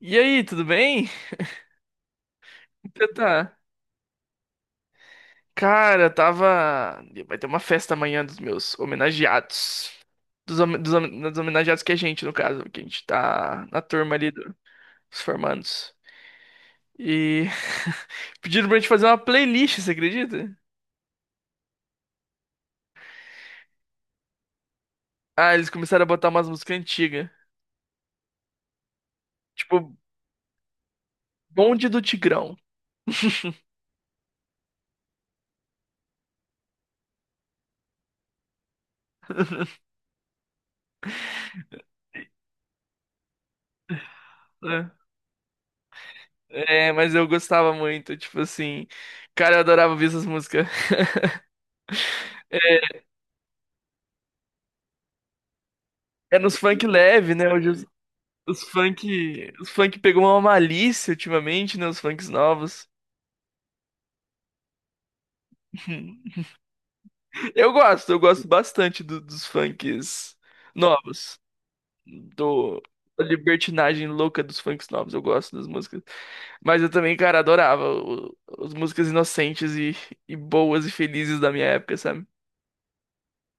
E aí, tudo bem? Você tá? Cara, tava. Vai ter uma festa amanhã dos meus homenageados. Dos homenageados que é a gente, no caso, que a gente tá na turma ali dos formandos. E pediram pra gente fazer uma playlist, você acredita? Ah, eles começaram a botar umas músicas antigas. Tipo, Bonde do Tigrão. É, é, mas eu gostava muito, tipo assim. Cara, eu adorava ouvir essas músicas. É nos funk leve, né? Hoje. Os funk, os funk pegou uma malícia ultimamente, né? Os funks novos. Eu gosto bastante dos funks novos. Do, da libertinagem louca dos funks novos, eu gosto das músicas. Mas eu também, cara, adorava as músicas inocentes e boas e felizes da minha época, sabe?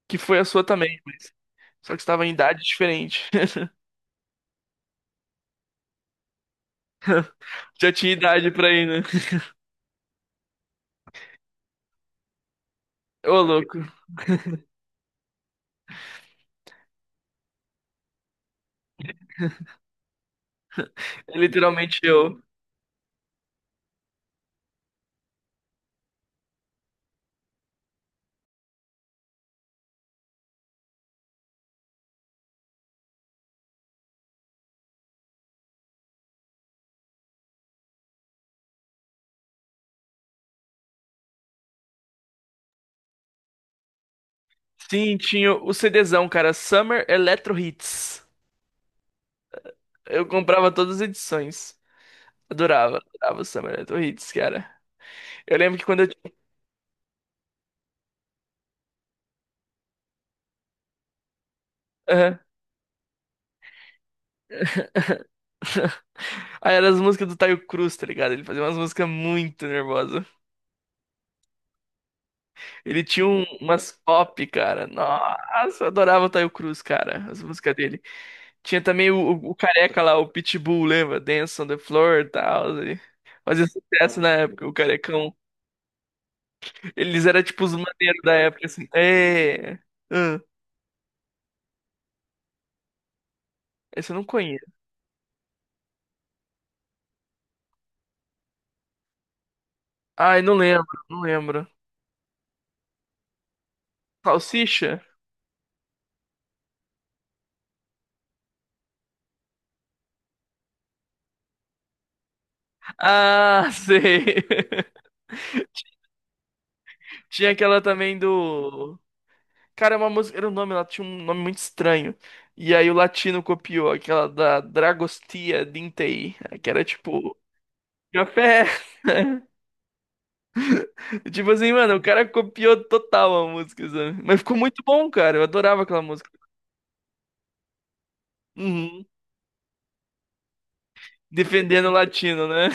Que foi a sua também, só que estava em idade diferente. Já tinha idade pra ir, né? Ô, louco. É literalmente eu. Sim, tinha o CDzão, cara. Summer Electro Hits. Eu comprava todas as edições. Adorava o Summer Night Hits, cara. Eu lembro que quando eu. Aham. Aí eram as músicas do Taio Cruz, tá ligado? Ele fazia umas músicas muito nervosas. Ele tinha umas pop, cara. Nossa, eu adorava o Taio Cruz, cara. As músicas dele. Tinha também o, o careca lá, o Pitbull, lembra? Dance on the Floor e tal. Fazia sucesso na época, o carecão. Eles eram tipo os maneiros da época, assim. É. Ah, esse eu não conheço. Ai, não lembro, não lembro. Salsicha? Ah, sei. Tinha aquela também do. Cara, é uma música. Era um nome, ela tinha um nome muito estranho. E aí o latino copiou aquela da Dragostea Dintei, que era tipo. Café! Tipo assim, mano, o cara copiou total a música, sabe? Mas ficou muito bom, cara. Eu adorava aquela música. Uhum. Defendendo o latino, né?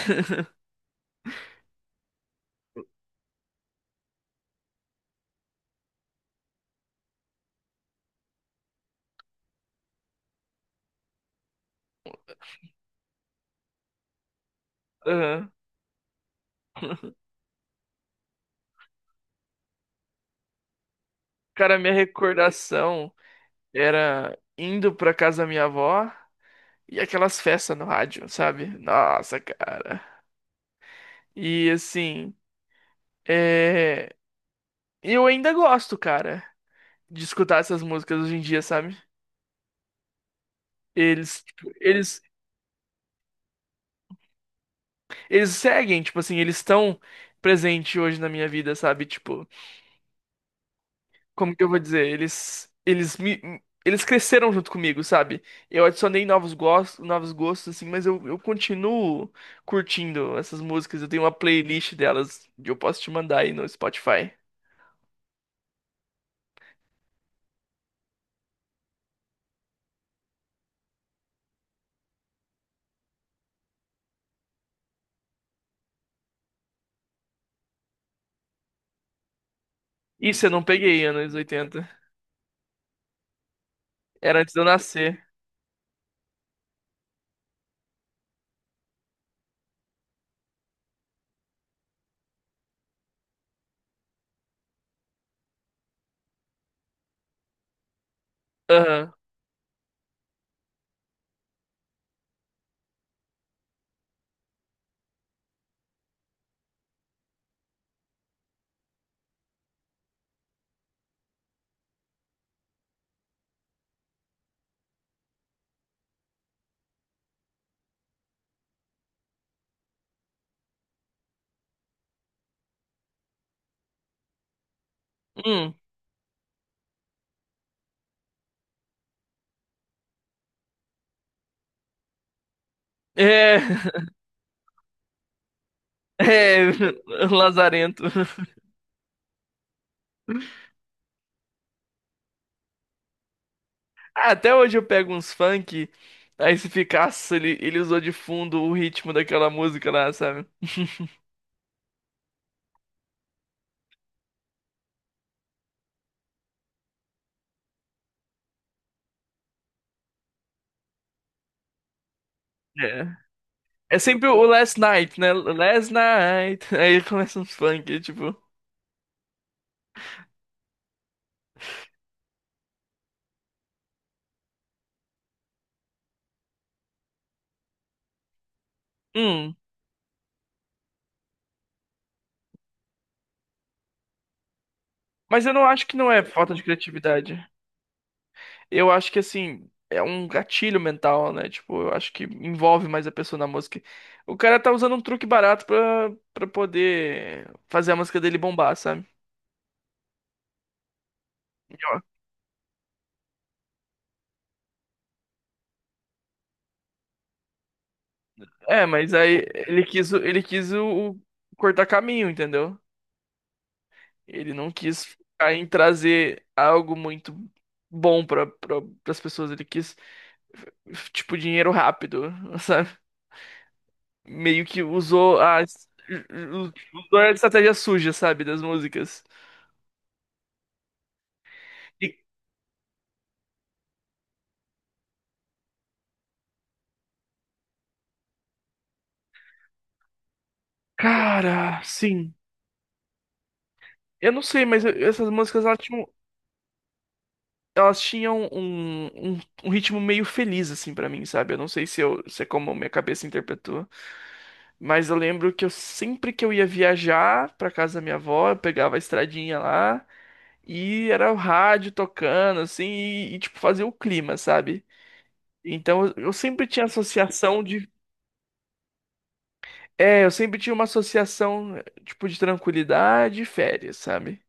Aham. Cara, minha recordação era indo pra casa da minha avó. E aquelas festas no rádio, sabe? Nossa, cara. E assim, é... eu ainda gosto, cara, de escutar essas músicas hoje em dia, sabe? Eles, tipo, eles, eles seguem, tipo assim, eles estão presentes hoje na minha vida, sabe? Tipo, como que eu vou dizer? Eles cresceram junto comigo, sabe? Eu adicionei novos gostos, assim, mas eu continuo curtindo essas músicas. Eu tenho uma playlist delas que eu posso te mandar aí no Spotify. Isso eu não peguei anos 80. Era antes de eu nascer. Aham. Hum. É. É. Lazarento. Ah, até hoje eu pego uns funk. Aí se ficasse, ele usou de fundo o ritmo daquela música lá, sabe? É. É sempre o Last Night, né? Last Night. Aí começa uns funk, tipo. Hum. Mas eu não acho que não é falta de criatividade. Eu acho que assim, é um gatilho mental, né? Tipo, eu acho que envolve mais a pessoa na música. O cara tá usando um truque barato pra poder fazer a música dele bombar, sabe? É, mas aí ele quis o cortar caminho, entendeu? Ele não quis ficar em trazer algo muito bom pra, pras pessoas. Ele quis, tipo, dinheiro rápido, sabe? Meio que usou a, estratégia suja, sabe? Das músicas. Cara, sim. Eu não sei, mas essas músicas elas tinham um, um, um ritmo meio feliz, assim, pra mim, sabe? Eu não sei se é como minha cabeça interpretou, mas eu lembro que eu sempre que eu ia viajar pra casa da minha avó, eu pegava a estradinha lá e era o rádio tocando, assim, e, tipo, fazia o clima, sabe? Então eu sempre tinha associação de. É, eu sempre tinha uma associação, tipo, de tranquilidade e férias, sabe?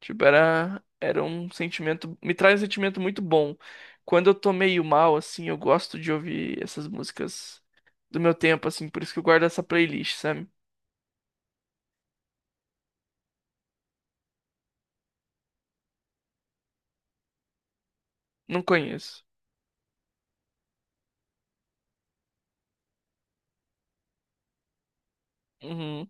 Tipo, era um sentimento. Me traz um sentimento muito bom. Quando eu tô meio mal, assim, eu gosto de ouvir essas músicas do meu tempo, assim, por isso que eu guardo essa playlist, sabe? Não conheço. Uhum.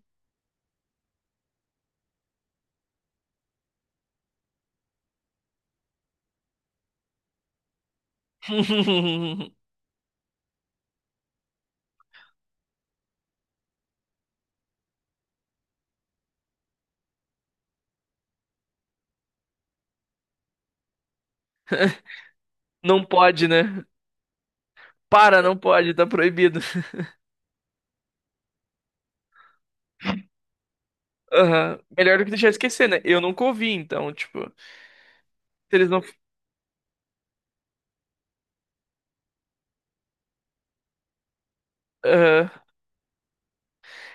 Não pode, né? Para, não pode, tá proibido. Aham. Melhor do que deixar esquecer, né? Eu nunca ouvi, então, tipo, se eles não. Aham.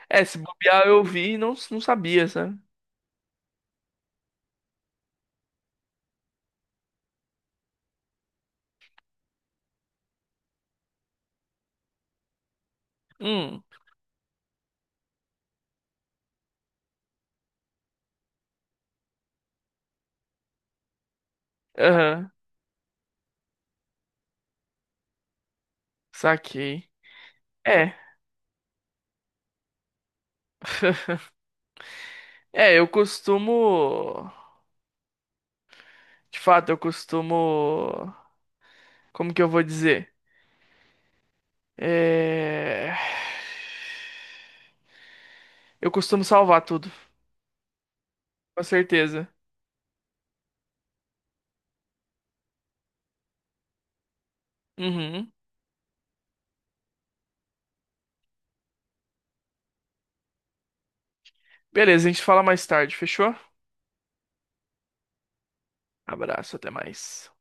É, se bobear, eu ouvi e não sabia, sabe? Hum, aham, saquei. É, é, eu costumo. De fato, eu costumo. Como que eu vou dizer? É... Eu costumo salvar tudo, com certeza. Uhum. Beleza, a gente fala mais tarde, fechou? Abraço, até mais.